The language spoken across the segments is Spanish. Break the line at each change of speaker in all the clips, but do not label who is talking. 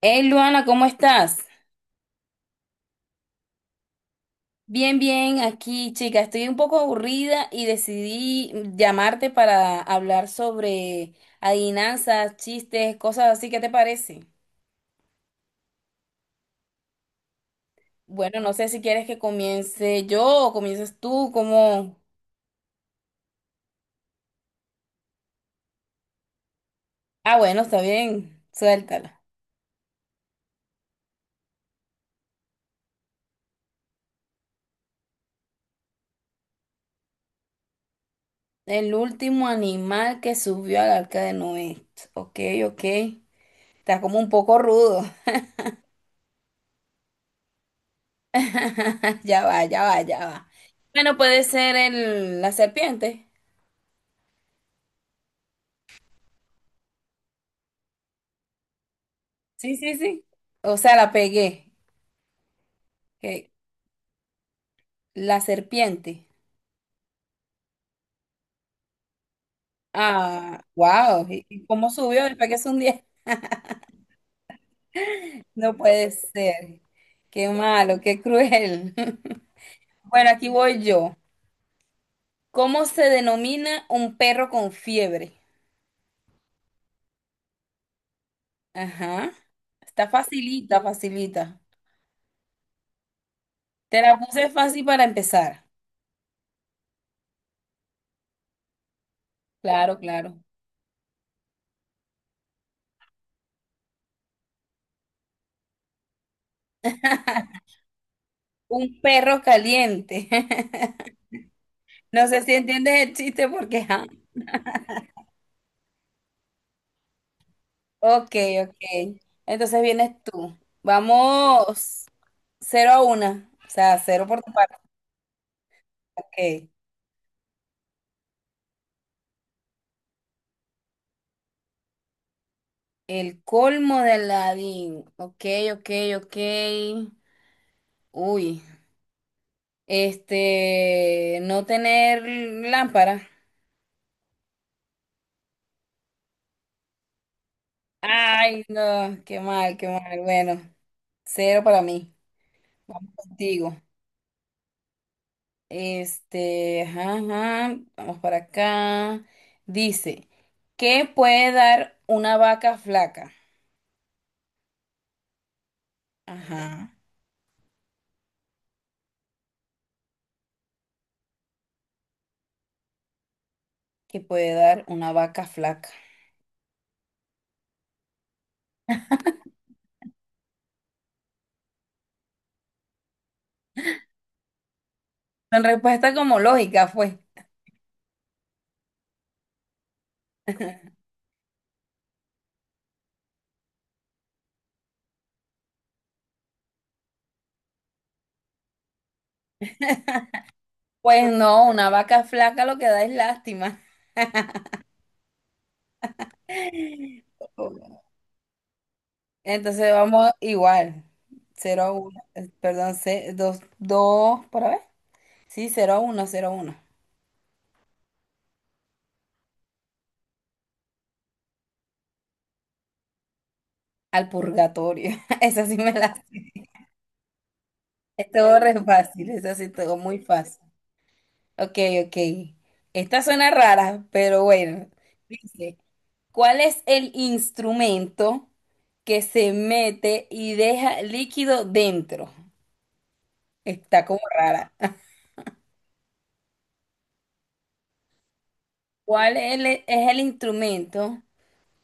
Hey Luana, ¿cómo estás? Bien, bien, aquí chica, estoy un poco aburrida y decidí llamarte para hablar sobre adivinanzas, chistes, cosas así, ¿qué te parece? Bueno, no sé si quieres que comience yo o comiences tú, como. Ah, bueno, está bien, suéltala. El último animal que subió al arca de Noé. Ok, ok. Está como un poco rudo. Ya va, ya va, ya va. Bueno, puede ser la serpiente. Sí, sí, sí. O sea, la pegué. Que- La serpiente. Ah, wow. ¿Y cómo subió? ¿Le pegué es un 10? No puede ser. Qué malo, qué cruel. Bueno, aquí voy yo. ¿Cómo se denomina un perro con fiebre? Ajá. Está facilita, facilita. Te la puse fácil para empezar. Claro, claro. Un perro caliente. No sé si entiendes el chiste porque, ajá. Ok, ok. Entonces vienes tú. Vamos 0-1. O sea, cero por tu parte. Ok. El colmo de Aladdin. Ok, ok, ok. Uy. Este, no tener lámpara. Ay, no, qué mal, qué mal. Bueno, cero para mí. Contigo. Este, ajá, ajá, vamos para acá. Dice, ¿qué puede dar una vaca flaca? Ajá. ¿Que puede dar una vaca flaca? Son respuesta como lógica fue. Pues no, una vaca flaca lo que da es lástima. Entonces vamos igual. 0-1, perdón, 2-2 ¿para ver? Sí, 0-1, 0-1. Al purgatorio. Esa sí me la. Estuvo re fácil, esa sí todo muy fácil. Ok, ok. Esta suena rara, pero bueno. Dice, ¿cuál es el instrumento que se mete y deja líquido dentro? Está como rara. ¿Cuál es es el instrumento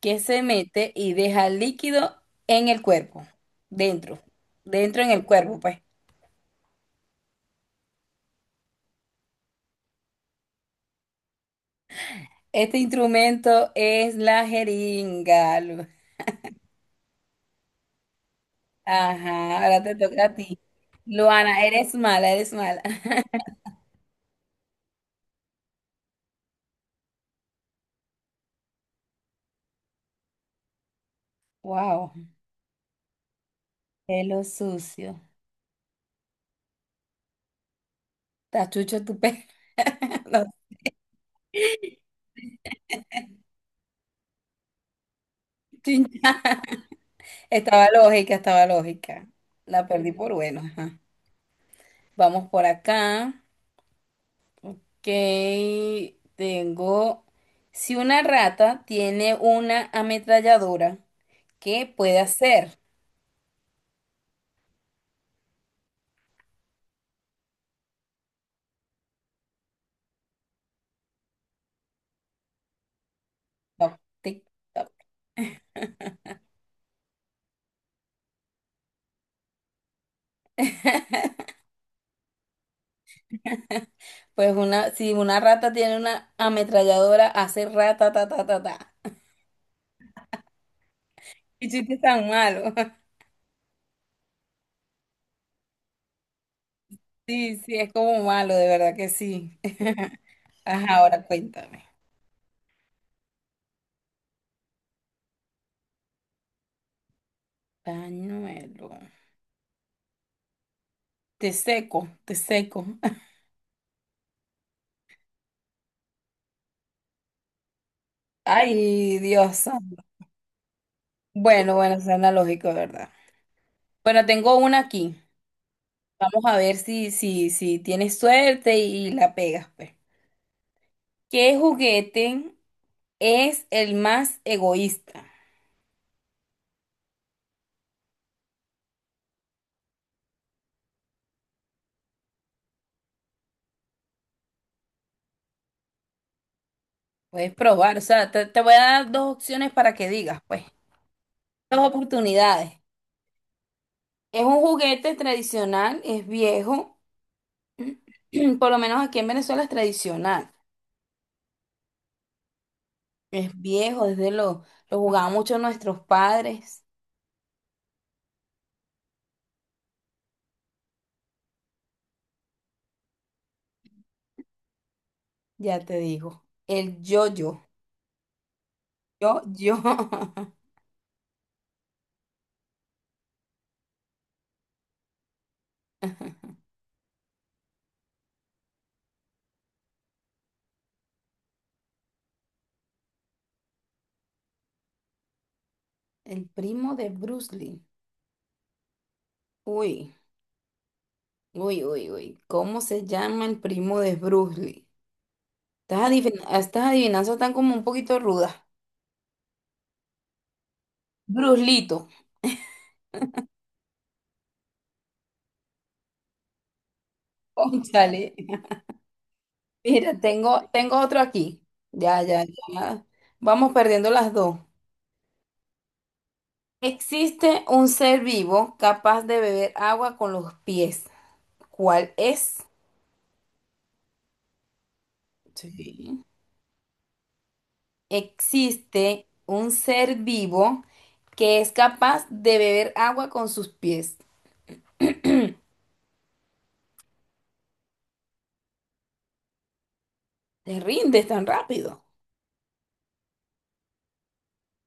que se mete y deja líquido en el cuerpo? Dentro. Dentro en el cuerpo, pues. Este instrumento es la jeringa. Ajá, ahora te toca a ti. Luana, eres mala, eres mala. Wow, pelo sucio. Tachucho tu pelo. No, chincha. Estaba lógica, estaba lógica. La perdí por bueno. Ajá. Vamos por acá, que tengo. Si una rata tiene una ametralladora, ¿qué puede hacer? Toc, tic, toc. Pues una, si una rata tiene una ametralladora, hace rata, ta, ta, ta, ta. Y chiste tan malo. Sí, sí, es como malo, de verdad que sí. Ajá, ahora cuéntame. Pañuelo. Te seco, te seco. Ay, Dios. Bueno, bueno, suena lógico, ¿de verdad? Bueno, tengo una aquí. Vamos a ver si tienes suerte y la pegas, pues. ¿Qué juguete es el más egoísta? Puedes probar, o sea, te voy a dar dos opciones para que digas, pues. Dos oportunidades. Es un juguete tradicional, es viejo, por lo menos aquí en Venezuela es tradicional. Es viejo, lo jugaban mucho nuestros padres, ya te digo. El yo-yo. Yo-yo. El primo de Bruce Lee. Uy, uy, uy, uy. ¿Cómo se llama el primo de Bruce Lee? Estas estas adivinanzas están como un poquito rudas. Bruce Lito. Cónchale. Mira, tengo otro aquí. Ya, ya, ya. Vamos perdiendo las dos. Existe un ser vivo capaz de beber agua con los pies. ¿Cuál es? Sí. Existe un ser vivo que es capaz de beber agua con sus pies. Te rindes tan rápido.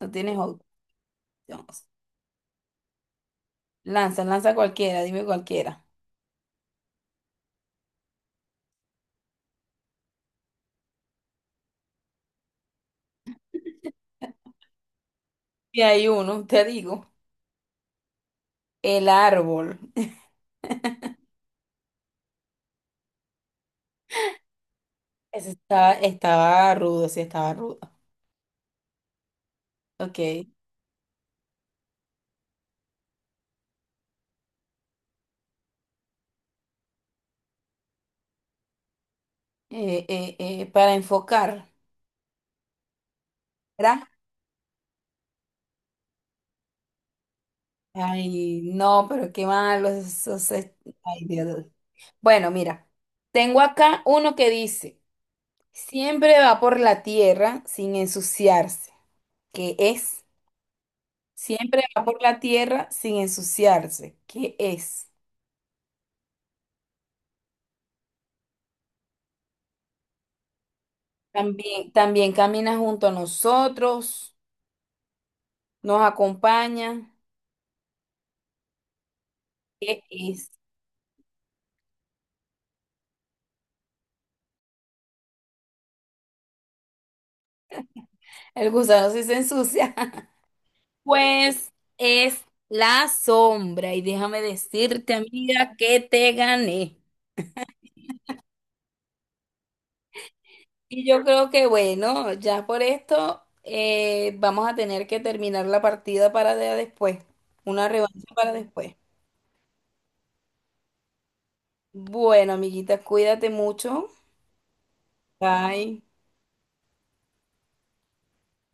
No tienes opciones. Lanza, lanza cualquiera, dime cualquiera. Y hay uno, te digo. El árbol. Ese estaba rudo, sí, estaba rudo. Ok. Para enfocar, ¿verdad? Ay, no, pero qué malo. Ay, Dios. Bueno, mira. Tengo acá uno que dice, siempre va por la tierra sin ensuciarse. ¿Qué es? Siempre va por la tierra sin ensuciarse. ¿Qué es? También, también camina junto a nosotros, nos acompaña. ¿Qué es? El gusano sí se ensucia. Pues es la sombra. Y déjame decirte, amiga, que te gané. Y yo creo que, bueno, ya por esto vamos a tener que terminar la partida para después. Una revancha para después. Bueno, amiguita, cuídate mucho. Bye.